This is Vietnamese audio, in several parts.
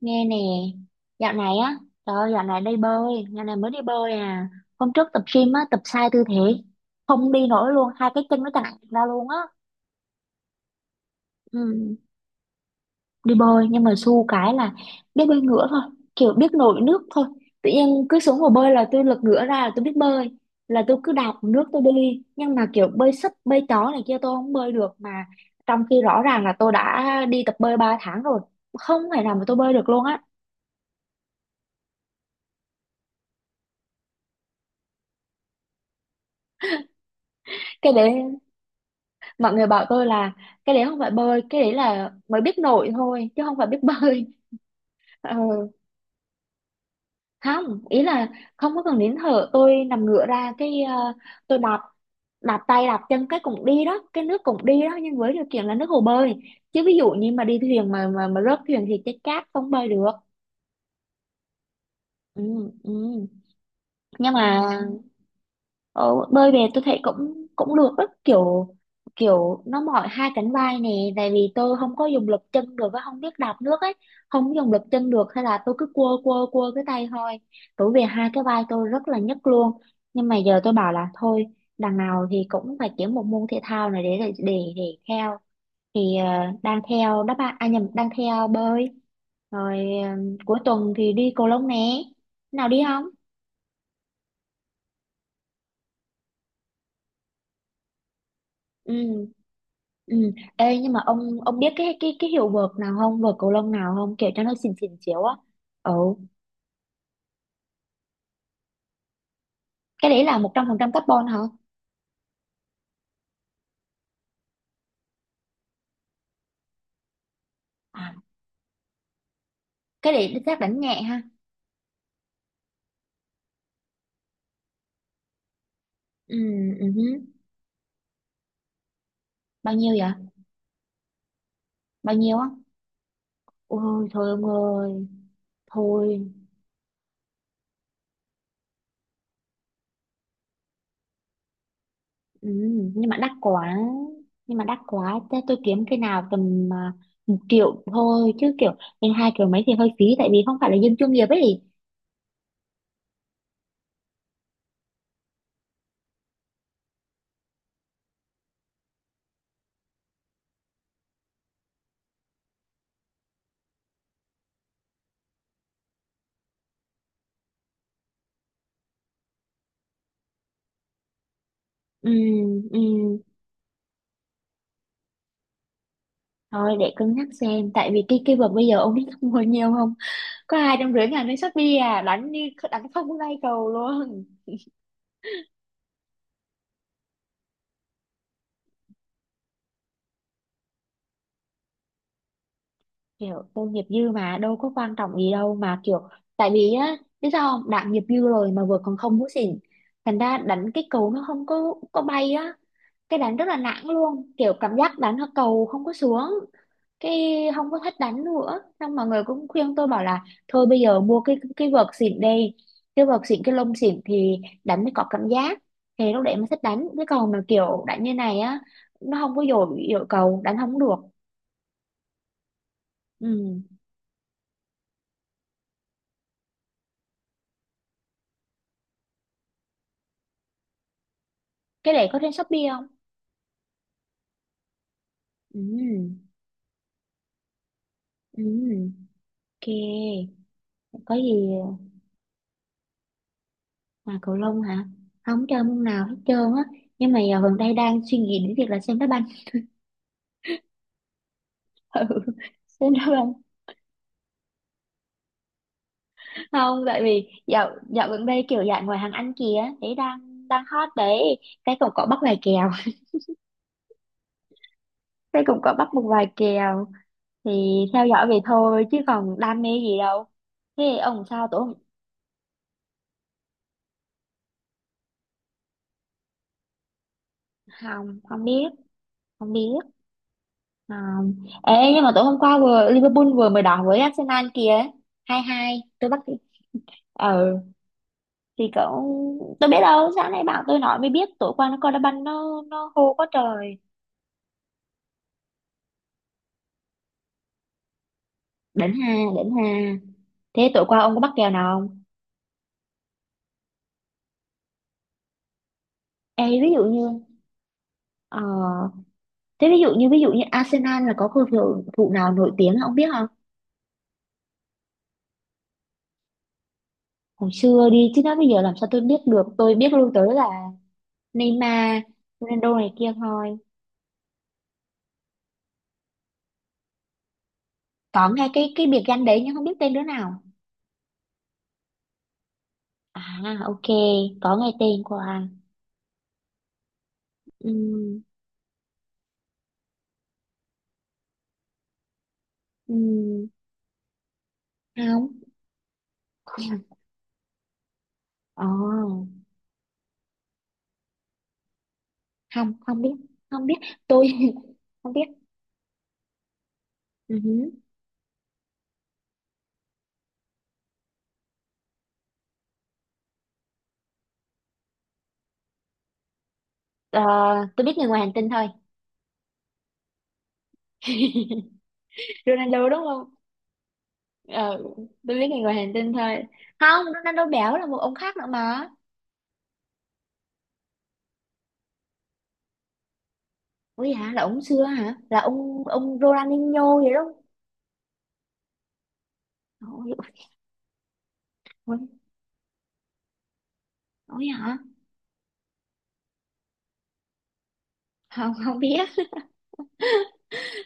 Nghe nè, dạo này á, trời ơi, dạo này đi bơi, dạo này mới đi bơi à. Hôm trước tập gym á, tập sai tư thế, không đi nổi luôn, hai cái chân nó chằng ra luôn á. Ừ, đi bơi nhưng mà xu cái là biết bơi ngửa thôi, kiểu biết nổi nước thôi. Tự nhiên cứ xuống hồ bơi là tôi lật ngửa ra là tôi biết bơi, là tôi cứ đạp nước tôi đi. Nhưng mà kiểu bơi sấp, bơi chó này kia tôi không bơi được, mà trong khi rõ ràng là tôi đã đi tập bơi 3 tháng rồi, không thể nào mà tôi bơi được luôn á. Cái đấy mọi người bảo tôi là cái đấy không phải bơi, cái đấy là mới biết nổi thôi chứ không phải biết bơi. Ừ, không ý là không có cần nín thở, tôi nằm ngửa ra cái tôi đạp, đạp tay đạp chân cái cũng đi đó, cái nước cũng đi đó, nhưng với điều kiện là nước hồ bơi chứ ví dụ như mà đi thuyền mà rớt thuyền thì chết chát, không bơi được. Ừ, ừ. Nhưng mà Ờ, bơi về tôi thấy cũng cũng được đó, kiểu kiểu nó mỏi hai cánh vai nè, tại vì tôi không có dùng lực chân được á, không biết đạp nước ấy, không dùng lực chân được, hay là tôi cứ quơ quơ quơ cái tay thôi, tối về hai cái vai tôi rất là nhức luôn. Nhưng mà giờ tôi bảo là thôi, đằng nào thì cũng phải kiếm một môn thể thao này để theo, thì đang theo đáp án, à nhầm, đang theo bơi rồi. Ờ, Cuối tuần thì đi cầu lông nè, nào đi không. Ừ. Ừ. Ê, nhưng mà ông biết cái hiệu vợt nào không, vợt cầu lông nào không, kiểu cho nó xịn xịn chiếu á. Ừ. Cái đấy là 100% carbon hả? À, cái đấy chắc đánh nhẹ ha. Ừ, ừ. Hứ. Bao nhiêu vậy? Bao nhiêu á? Ôi thôi ông ơi, thôi. Ừ. Nhưng mà đắt quá, nhưng mà đắt quá, thế tôi kiếm cái nào tầm một triệu thôi chứ, kiểu lên hai triệu mấy thì hơi phí, tại vì không phải là dân chuyên nghiệp ấy. Ừ, ừ. Thôi để cân nhắc xem, tại vì cái vợt bây giờ ông biết mua nhiều không, có 250 ngàn lên Shopee à, đánh như đánh không có bay cầu luôn. Kiểu tôi nghiệp dư mà đâu có quan trọng gì đâu, mà kiểu tại vì á, biết sao không, đã nghiệp dư rồi mà vừa còn không hút xỉn, thành ra đánh cái cầu nó không có có bay á, cái đánh rất là nản luôn, kiểu cảm giác đánh cầu không có xuống, cái không có thích đánh nữa. Xong mọi người cũng khuyên tôi bảo là thôi bây giờ mua cái vợt xịn đi, cái vợt xịn cái lông xịn thì đánh mới có cảm giác, thì lúc đấy mới thích đánh, cái còn mà kiểu đánh như này á nó không có dội dội cầu, đánh không được. Ừ. Cái này có trên Shopee không? Ừ. Ừ. Ok. Có gì mà cầu lông hả? Không chơi môn nào hết trơn á. Nhưng mà giờ gần đây đang suy nghĩ đến việc là xem đá banh. Ừ. Xem đá banh. Không, tại vì dạo dạo gần đây kiểu dạng ngoài hàng ăn kìa đấy đang đang hot đấy, cái cũng có bắt vài kèo. Cái cũng có bắt một vài kèo, thì theo dõi vậy thôi chứ còn đam mê gì đâu. Thế ông sao tối hôm-. Không, không biết, không biết, không. Ê, nhưng mà tối hôm qua vừa Liverpool vừa mới đỏ với Arsenal kìa, hai hai tôi bắt. Ừ, thì cậu tôi biết đâu, sáng nay bạn tôi nói mới biết tối qua nó coi đá banh, nó hô quá trời. Đỉnh ha, đỉnh ha. Thế tối qua ông có bắt kèo nào không? Ê, ví dụ như, ờ, thế ví dụ như Arsenal là có cầu thủ thủ nào nổi tiếng không, biết không? Hồi xưa đi chứ, nói bây giờ làm sao tôi biết được. Tôi biết luôn tới là Neymar, Ronaldo này kia thôi. Có nghe cái biệt danh đấy nhưng không biết tên đứa nào. À ok, có nghe tên của à. Ừ, ừ, không. Ờ, không, không biết, không biết. Tôi không biết. Ừ hứ. Ờ, tôi biết người ngoài hành tinh thôi. Ronaldo đúng không? ờ tôi biết người ngoài hành tinh thôi, không Ronaldo béo là một ông khác nữa mà. Ủa hả, là ông xưa hả, là ông Ronaldinho vậy đó. Ôi, ôi, ôi hả. Không, không biết.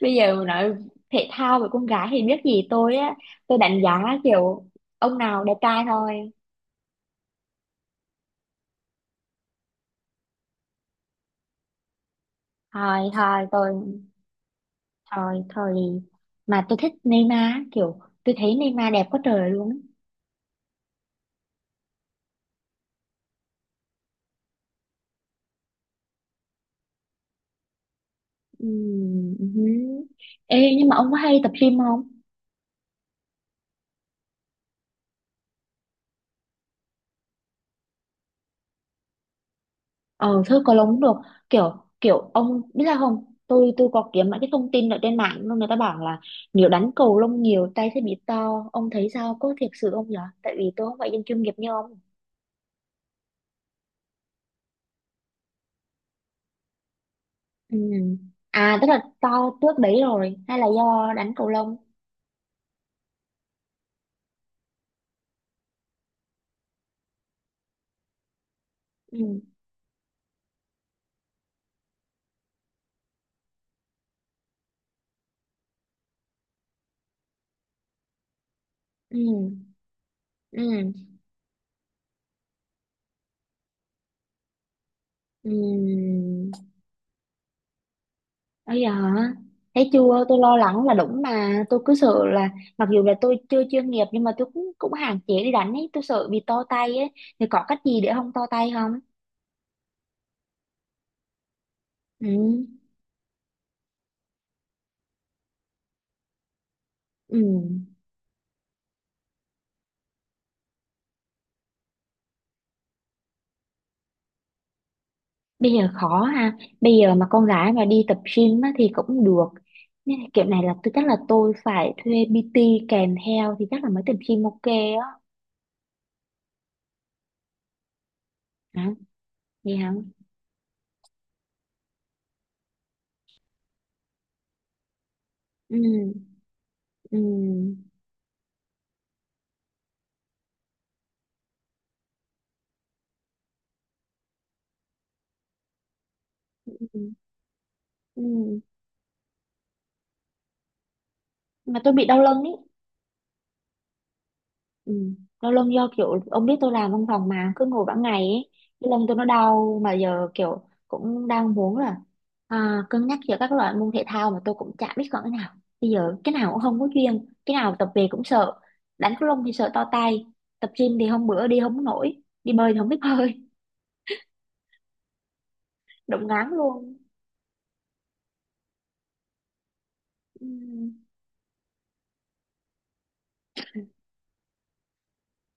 Bây giờ mà nói thể thao về con gái thì biết gì tôi á, tôi đánh giá kiểu ông nào đẹp trai thôi. Thôi thôi tôi, thôi thôi, mà tôi thích Neymar, kiểu tôi thấy Neymar đẹp quá trời luôn. Hứ. Ê, nhưng mà ông có hay tập gym không? Ờ thôi có lống được, kiểu kiểu ông biết là không, tôi có kiếm mấy cái thông tin ở trên mạng luôn, người ta bảo là nếu đánh cầu lông nhiều tay sẽ bị to, ông thấy sao, có thiệt sự không nhở, tại vì tôi không phải dân chuyên nghiệp như ông. Ừ. À tức là to trước đấy rồi hay là do đánh cầu lông? Ừ. Ừ. Ừ. Ừ. Bây giờ hả? Thấy chưa, tôi lo lắng là đúng mà, tôi cứ sợ là mặc dù là tôi chưa chuyên nghiệp nhưng mà tôi cũng cũng hạn chế đi đánh ấy, tôi sợ bị to tay ấy. Thì có cách gì để không to tay không? Ừ. Ừ. Bây giờ khó ha, bây giờ mà con gái mà đi tập gym á, thì cũng được, nên là kiểu này là tôi chắc là tôi phải thuê PT kèm theo thì chắc là mới tập gym ok á. Hả? Vậy hả? Ừ. Ừ. Ừ. Ừ. Mà tôi bị đau lưng ý. Ừ. Lâu lông do kiểu ông biết tôi làm văn phòng mà cứ ngồi cả ngày ấy, cái lưng tôi nó đau, mà giờ kiểu cũng đang muốn là cân nhắc giữa các loại môn thể thao, mà tôi cũng chả biết chọn cái nào. Bây giờ cái nào cũng không có chuyên, cái nào tập về cũng sợ, đánh cầu lông thì sợ to tay, tập gym thì hôm bữa đi không có nổi, đi bơi thì không biết bơi. Đụng ngán luôn. Ừ.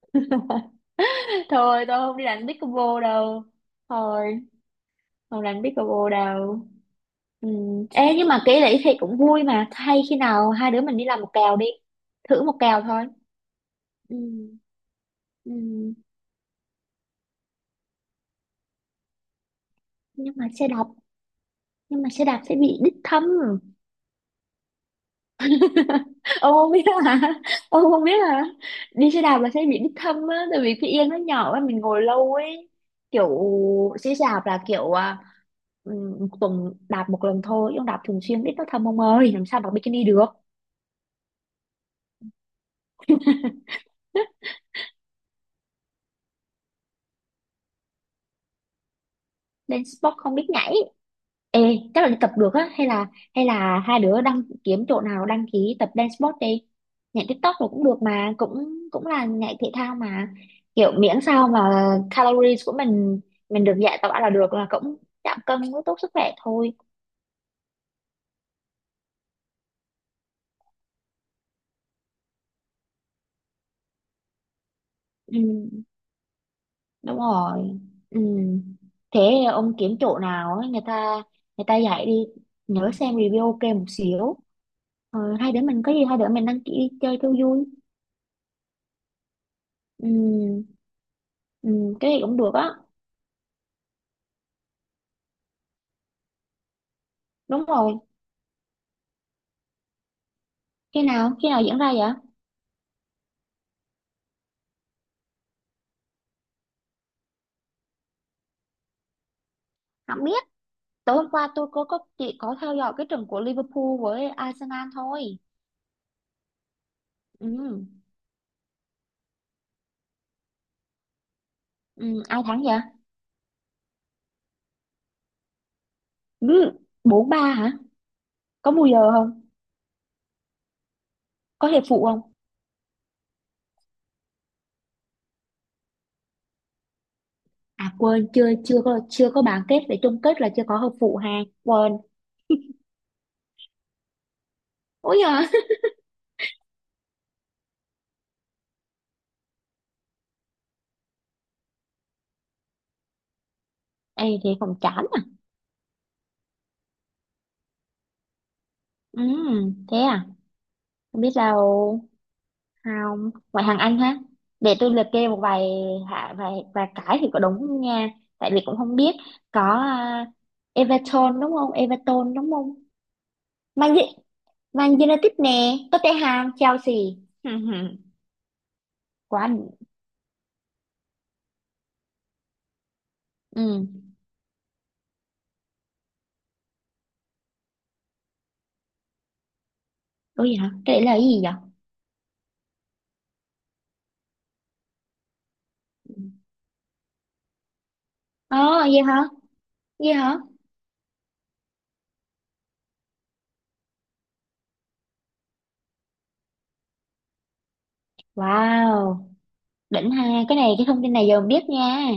Thôi tôi không đi đánh pickleball đâu, thôi, không đánh pickleball đâu. Ừ. Ê, nhưng mà kể lĩ thì cũng vui mà, hay khi nào hai đứa mình đi làm một kèo đi, thử một kèo thôi. Ừ. Ừ. Nhưng mà xe đạp, nhưng mà xe đạp sẽ bị đích thâm. Ông không biết hả, ông không biết hả? Đi xe đạp là sẽ bị đích thâm á, tại vì cái yên nó nhỏ á, mình ngồi lâu ấy, kiểu xe đạp là kiểu ừ, một tuần đạp một lần thôi chứ đạp thường xuyên ít nó thâm ông ơi, làm sao mặc bikini được. Lên sport không biết nhảy. Ê, chắc là đi tập được á, hay là hai đứa đăng kiếm chỗ nào đăng ký tập dance sport đi. Nhảy TikTok rồi cũng được mà, cũng cũng là nhảy thể thao mà. Kiểu miễn sao mà calories của mình được giải tỏa là được, là cũng giảm cân cũng tốt sức khỏe thôi. Ừ, đúng rồi. Ừ. Thế ông kiếm chỗ nào á, người ta dạy đi, nhớ xem review ok một xíu. Ờ, hai đứa mình có gì hai đứa mình đăng ký đi chơi cho vui. Ừ, ừ, cái gì cũng được á. Đúng rồi. Khi nào? Khi nào diễn ra vậy? Không biết. Tối hôm qua tôi có chỉ có theo dõi cái trận của Liverpool với Arsenal thôi. Ừ. Ừ. Ai thắng vậy? Ừ. 4-3 hả? Có bù giờ không? Có hiệp phụ không? À quên, chưa chưa có chưa có bán kết để chung kết là chưa có hợp phụ ha. Quên. Ôi giời. Ê thế còn chán à. Ừ, thế à? Không biết đâu, không, ngoại hạng Anh ha, để tôi liệt kê một vài, hạ vài vài cái thì có đúng nha, tại vì cũng không biết, có Everton đúng không, Everton đúng không, Man, U-, Man United nè, Tottenham, Chelsea. Quá đỉnh. Ừ. Ủa gì hả, cái đấy là cái gì vậy? Ờ. Gì hả? Gì hả? Wow, đỉnh ha, cái này cái thông tin này giờ mình biết nha.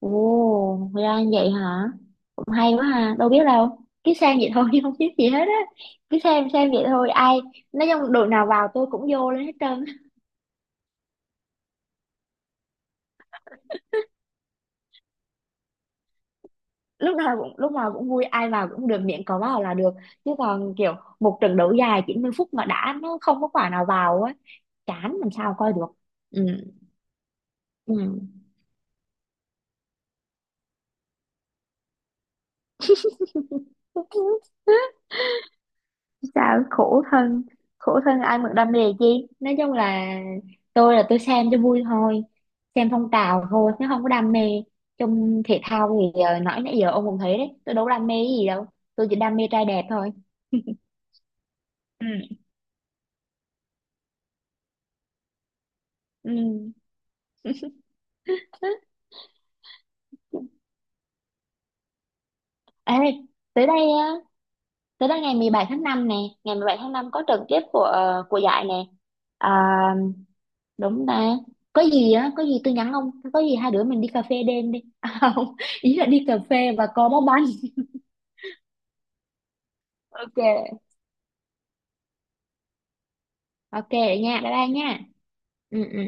Ồ ra như vậy hả, hay quá ha, đâu biết đâu, cứ xem vậy thôi chứ không biết gì hết á, cứ xem vậy thôi ai, nói chung đội nào vào tôi cũng vô lên hết trơn. Lúc nào cũng lúc nào cũng vui, ai vào cũng được, miệng có vào là được, chứ còn kiểu một trận đấu dài 90 phút mà đã nó không có quả nào vào á, chán, làm sao coi được. Ừ. Ừ. Sao khổ thân, khổ thân ai mà đam mê chi, nói chung là tôi xem cho vui thôi, xem phong trào thôi chứ không có đam mê. Trong thể thao thì nói nãy giờ ông cũng thấy đấy, tôi đâu có đam mê cái gì đâu, tôi chỉ đam mê trai đẹp thôi. Ừ. Ừ. Ê, tới đây á, tới đây ngày 17 tháng 5 nè, ngày 17 tháng 5 có trận tiếp của của giải nè. À, đúng ta, có gì á, có gì tôi nhắn ông, có gì hai đứa mình đi cà phê đêm đi. À không, ý là đi cà phê và co bóng bàn. Ok ok, vậy nha, bye bye nha. Ừ, ừ.